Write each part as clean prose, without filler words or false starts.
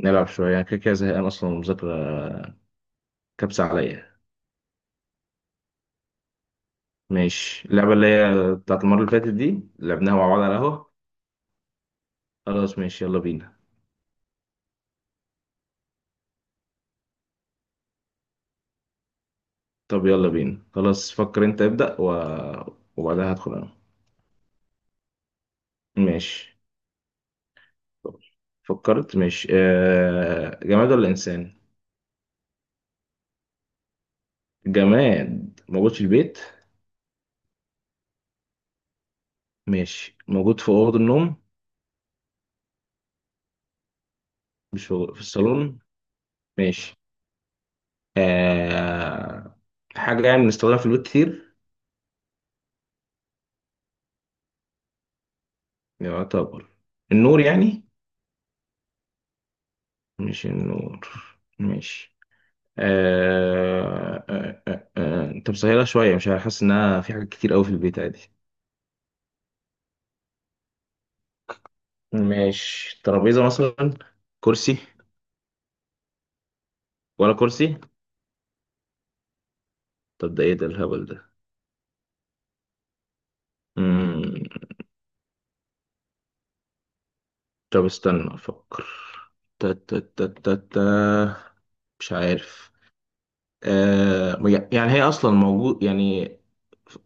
نلعب شوية يعني كده كده زهقان أصلا المذاكرة. كبسة عليا. ماشي، اللعبة اللي هي بتاعت المرة اللي فاتت دي لعبناها مع بعض على القهوة. خلاص ماشي يلا بينا. طب يلا بينا خلاص، فكر أنت ابدأ وبعدها هدخل أنا. ماشي. فكرت؟ ماشي. جماد ولا إنسان؟ جماد موجود في البيت. ماشي، موجود في أوضة النوم. مش في الصالون. ماشي. آه... حاجة يعني بنستخدمها في البيت كتير. يعتبر. النور يعني؟ مش النور. ماشي. انت مسهلة شوية، مش حاسس انها في حاجات كتير قوي في البيت عادي. ماشي، ترابيزة مثلا. كرسي. ولا كرسي. طب ده ايه ده الهبل ده. مم. طب استنى افكر. تا تا تا تا تا. مش عارف. آه... يعني هي اصلا موجود يعني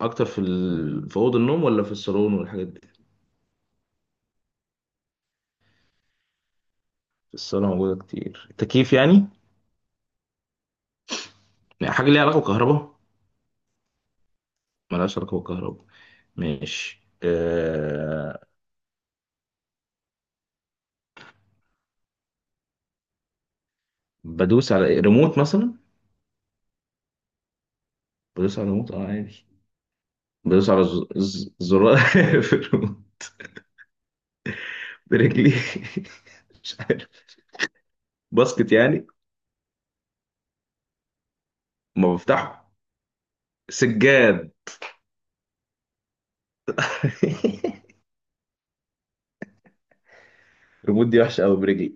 اكتر في في اوضه النوم ولا في الصالون والحاجات دي؟ في الصاله موجوده كتير، التكييف يعني؟ يعني حاجه ليها علاقه بالكهرباء؟ ملهاش علاقه بالكهرباء. ماشي أه. بدوس على إيه؟ ريموت مثلا. بدوس على ريموت اه عادي. بدوس على زرار في الريموت. برجلي. مش عارف. باسكت يعني. ما بفتحه. سجاد. الريموت دي وحشة قوي برجلي.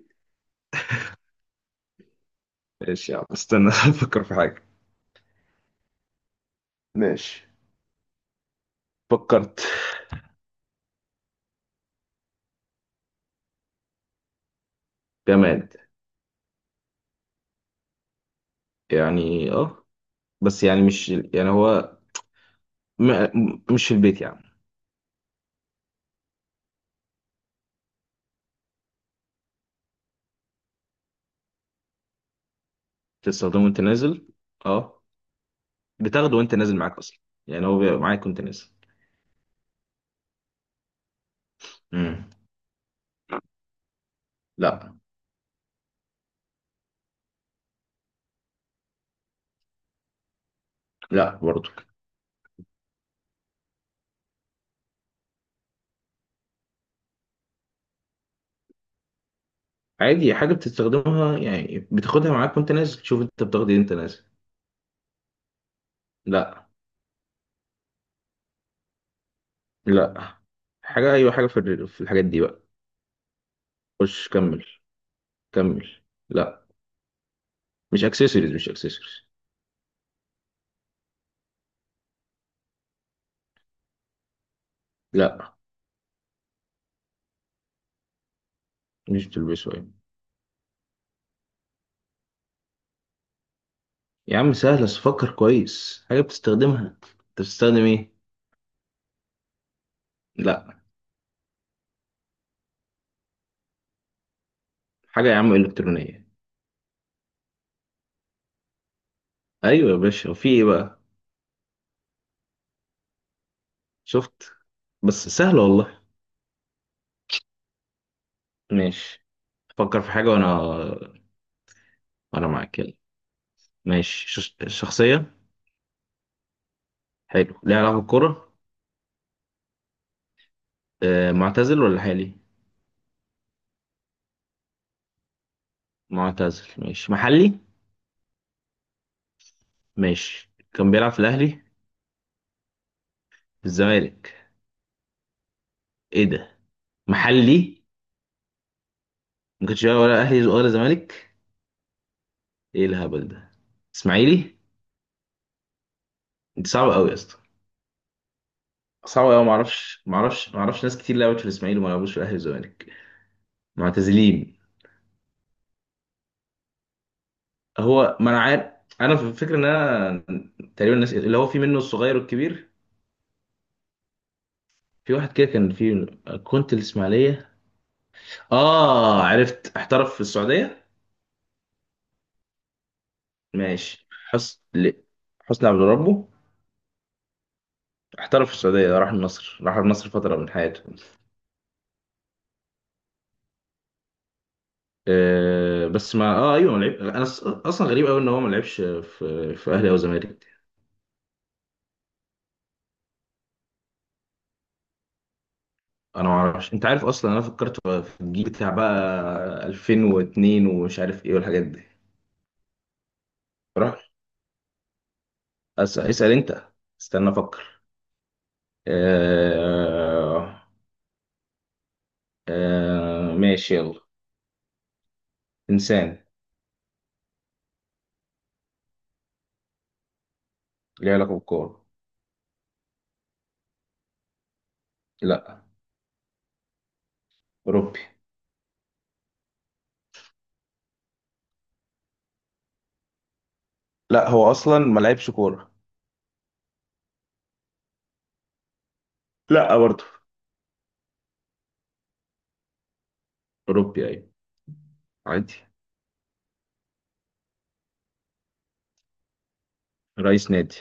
ماشي يا عم استنى افكر في حاجة. ماشي. فكرت. جماد. يعني اه، بس يعني مش يعني هو مش في البيت يعني. بتستخدمه وانت نازل؟ اه، بتاخده وانت نازل معاك اصلا. يعني هو بيبقى معاك وانت نازل. مم. لا. لا برضو. عادي، حاجة بتستخدمها يعني بتاخدها معاك وانت نازل. تشوف انت بتاخد ايه انت نازل. لا. لا. حاجة. ايوه حاجة في في الحاجات دي بقى. خش كمل. كمل. لا، مش اكسسوارز، مش اكسسوارز. لا. مش بتلبسه يعني. يا عم سهلة، بس فكر كويس. حاجة بتستخدمها انت. بتستخدم ايه؟ لا. حاجة يا عم الكترونية. ايوه يا باشا، وفي ايه بقى؟ شفت؟ بس سهلة والله. ماشي، فكر في حاجة. وانا معاك يلا. ماشي. شخصية. حلو، ليه علاقة بالكورة؟ آه معتزل ولا حالي؟ معتزل. ماشي، محلي؟ ماشي. كان بيلعب في الأهلي؟ في الزمالك؟ إيه ده. محلي؟ ما كانش بيلعب ولا أهلي ولا زمالك؟ إيه الهبل ده. إسماعيلي؟ أنت صعب أوي يا اسطى. صعب أوي، معرفش معرفش معرفش. ناس كتير لعبت في الإسماعيلي وما لعبوش في الأهلي والزمالك. معتزلين. هو ما أنا عارف. أنا في الفكرة إن أنا تقريبا الناس اللي هو في منه، الصغير والكبير. في واحد كده كان في، كنت الإسماعيلية، آه عرفت احترف في السعودية. ماشي. حسني عبد ربه. احترف في السعودية، راح النصر، راح النصر فترة من حياته. أه بس ما اه ايوه ما لعب. انا اصلا غريب قوي ان هو ما لعبش في اهلي او زمالك. انا ما اعرفش، انت عارف اصلا انا فكرت في الجيل بتاع بقى 2002 ومش عارف ايه والحاجات دي. راح. اسأل انت. استنى افكر. أه... ماشي يلا. انسان. ليه علاقة بالكورة؟ لا. اوروبي. لا هو اصلا ما لعبش كورة. لا برضه. أوروبي أيوة. عادي. رئيس نادي.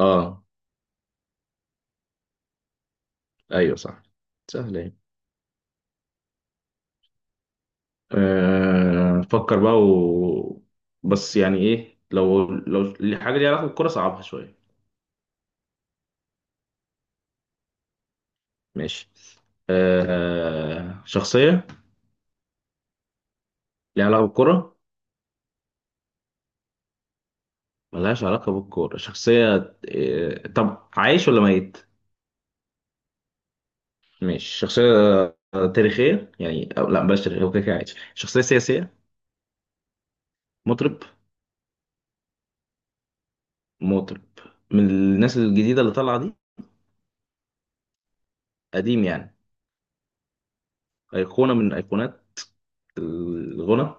أه أيوة صح. سهلة يعني. أه فكر بقى بس يعني إيه، لو الحاجة ليها علاقة بالكورة صعبها شوية. ماشي. أه شخصية. ليها علاقة بالكورة؟ ملهاش علاقة بالكورة. شخصية أه. طب عايش ولا ميت؟ ماشي شخصية. آه، تاريخية يعني؟ أو لا بلاش تاريخية، هو كده كده عايش. شخصية سياسية؟ مطرب؟ مطرب. من الناس الجديدة اللي طالعة دي؟ قديم يعني. أيقونة من أيقونات الغنى.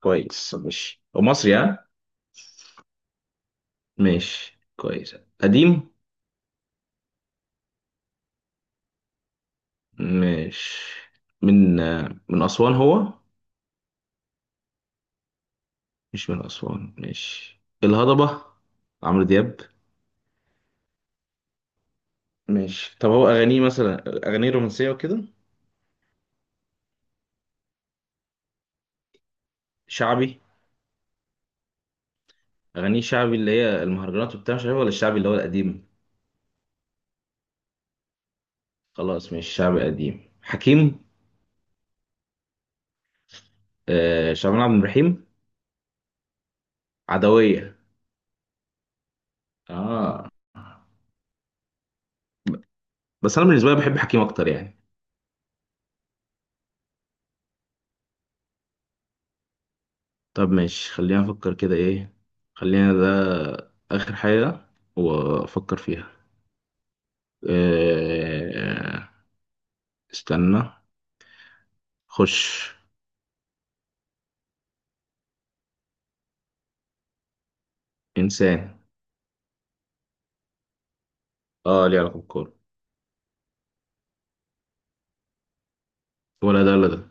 كويس؟ ماشي. ومصري ها؟ ماشي كويس. قديم. ماشي. من آه، من أسوان هو؟ مش من أسوان. ماشي، الهضبة، عمرو دياب. ماشي، طب هو أغانيه مثلا أغانيه رومانسية وكده؟ شعبي. أغانيه شعبي اللي هي المهرجانات وبتاع مش عارف، ولا الشعبي اللي هو القديم؟ خلاص، مش شعبي قديم. حكيم. آه شعبان عبد الرحيم. عدوية. آه، بس أنا بالنسبة لي بحب حكيم أكتر يعني. طب ماشي، خلينا افكر كده ايه. خلينا ده اخر حاجة وافكر فيها. إيه... استنى. خش. انسان. اه ليه علاقة بالكورة. ولا ده ولا ده.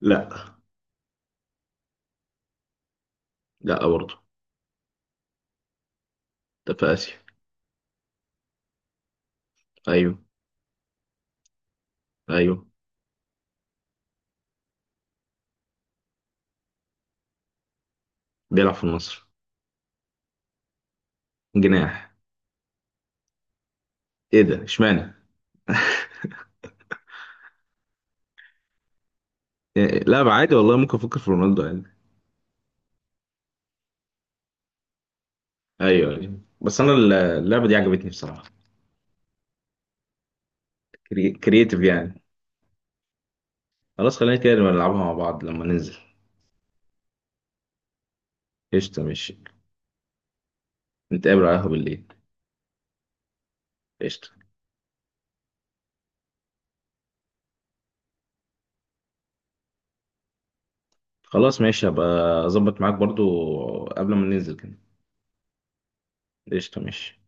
لا. لا برضه. ده في اسيا. ايوه. ايوه. بيلعب في النصر. جناح. ايه ده، اشمعنى؟ لا عادي والله، ممكن افكر في رونالدو عادي. ايوه أيوة. بس انا اللعبة دي عجبتني بصراحة. كرييتيف يعني. خلاص، خلينا كده نبقى نلعبها مع بعض لما ننزل. قشطة ماشي. نتقابل على القهوة بالليل. قشطة. خلاص ماشي، هبقى أظبط معاك برضو قبل ما ننزل كده. قشطة ماشي.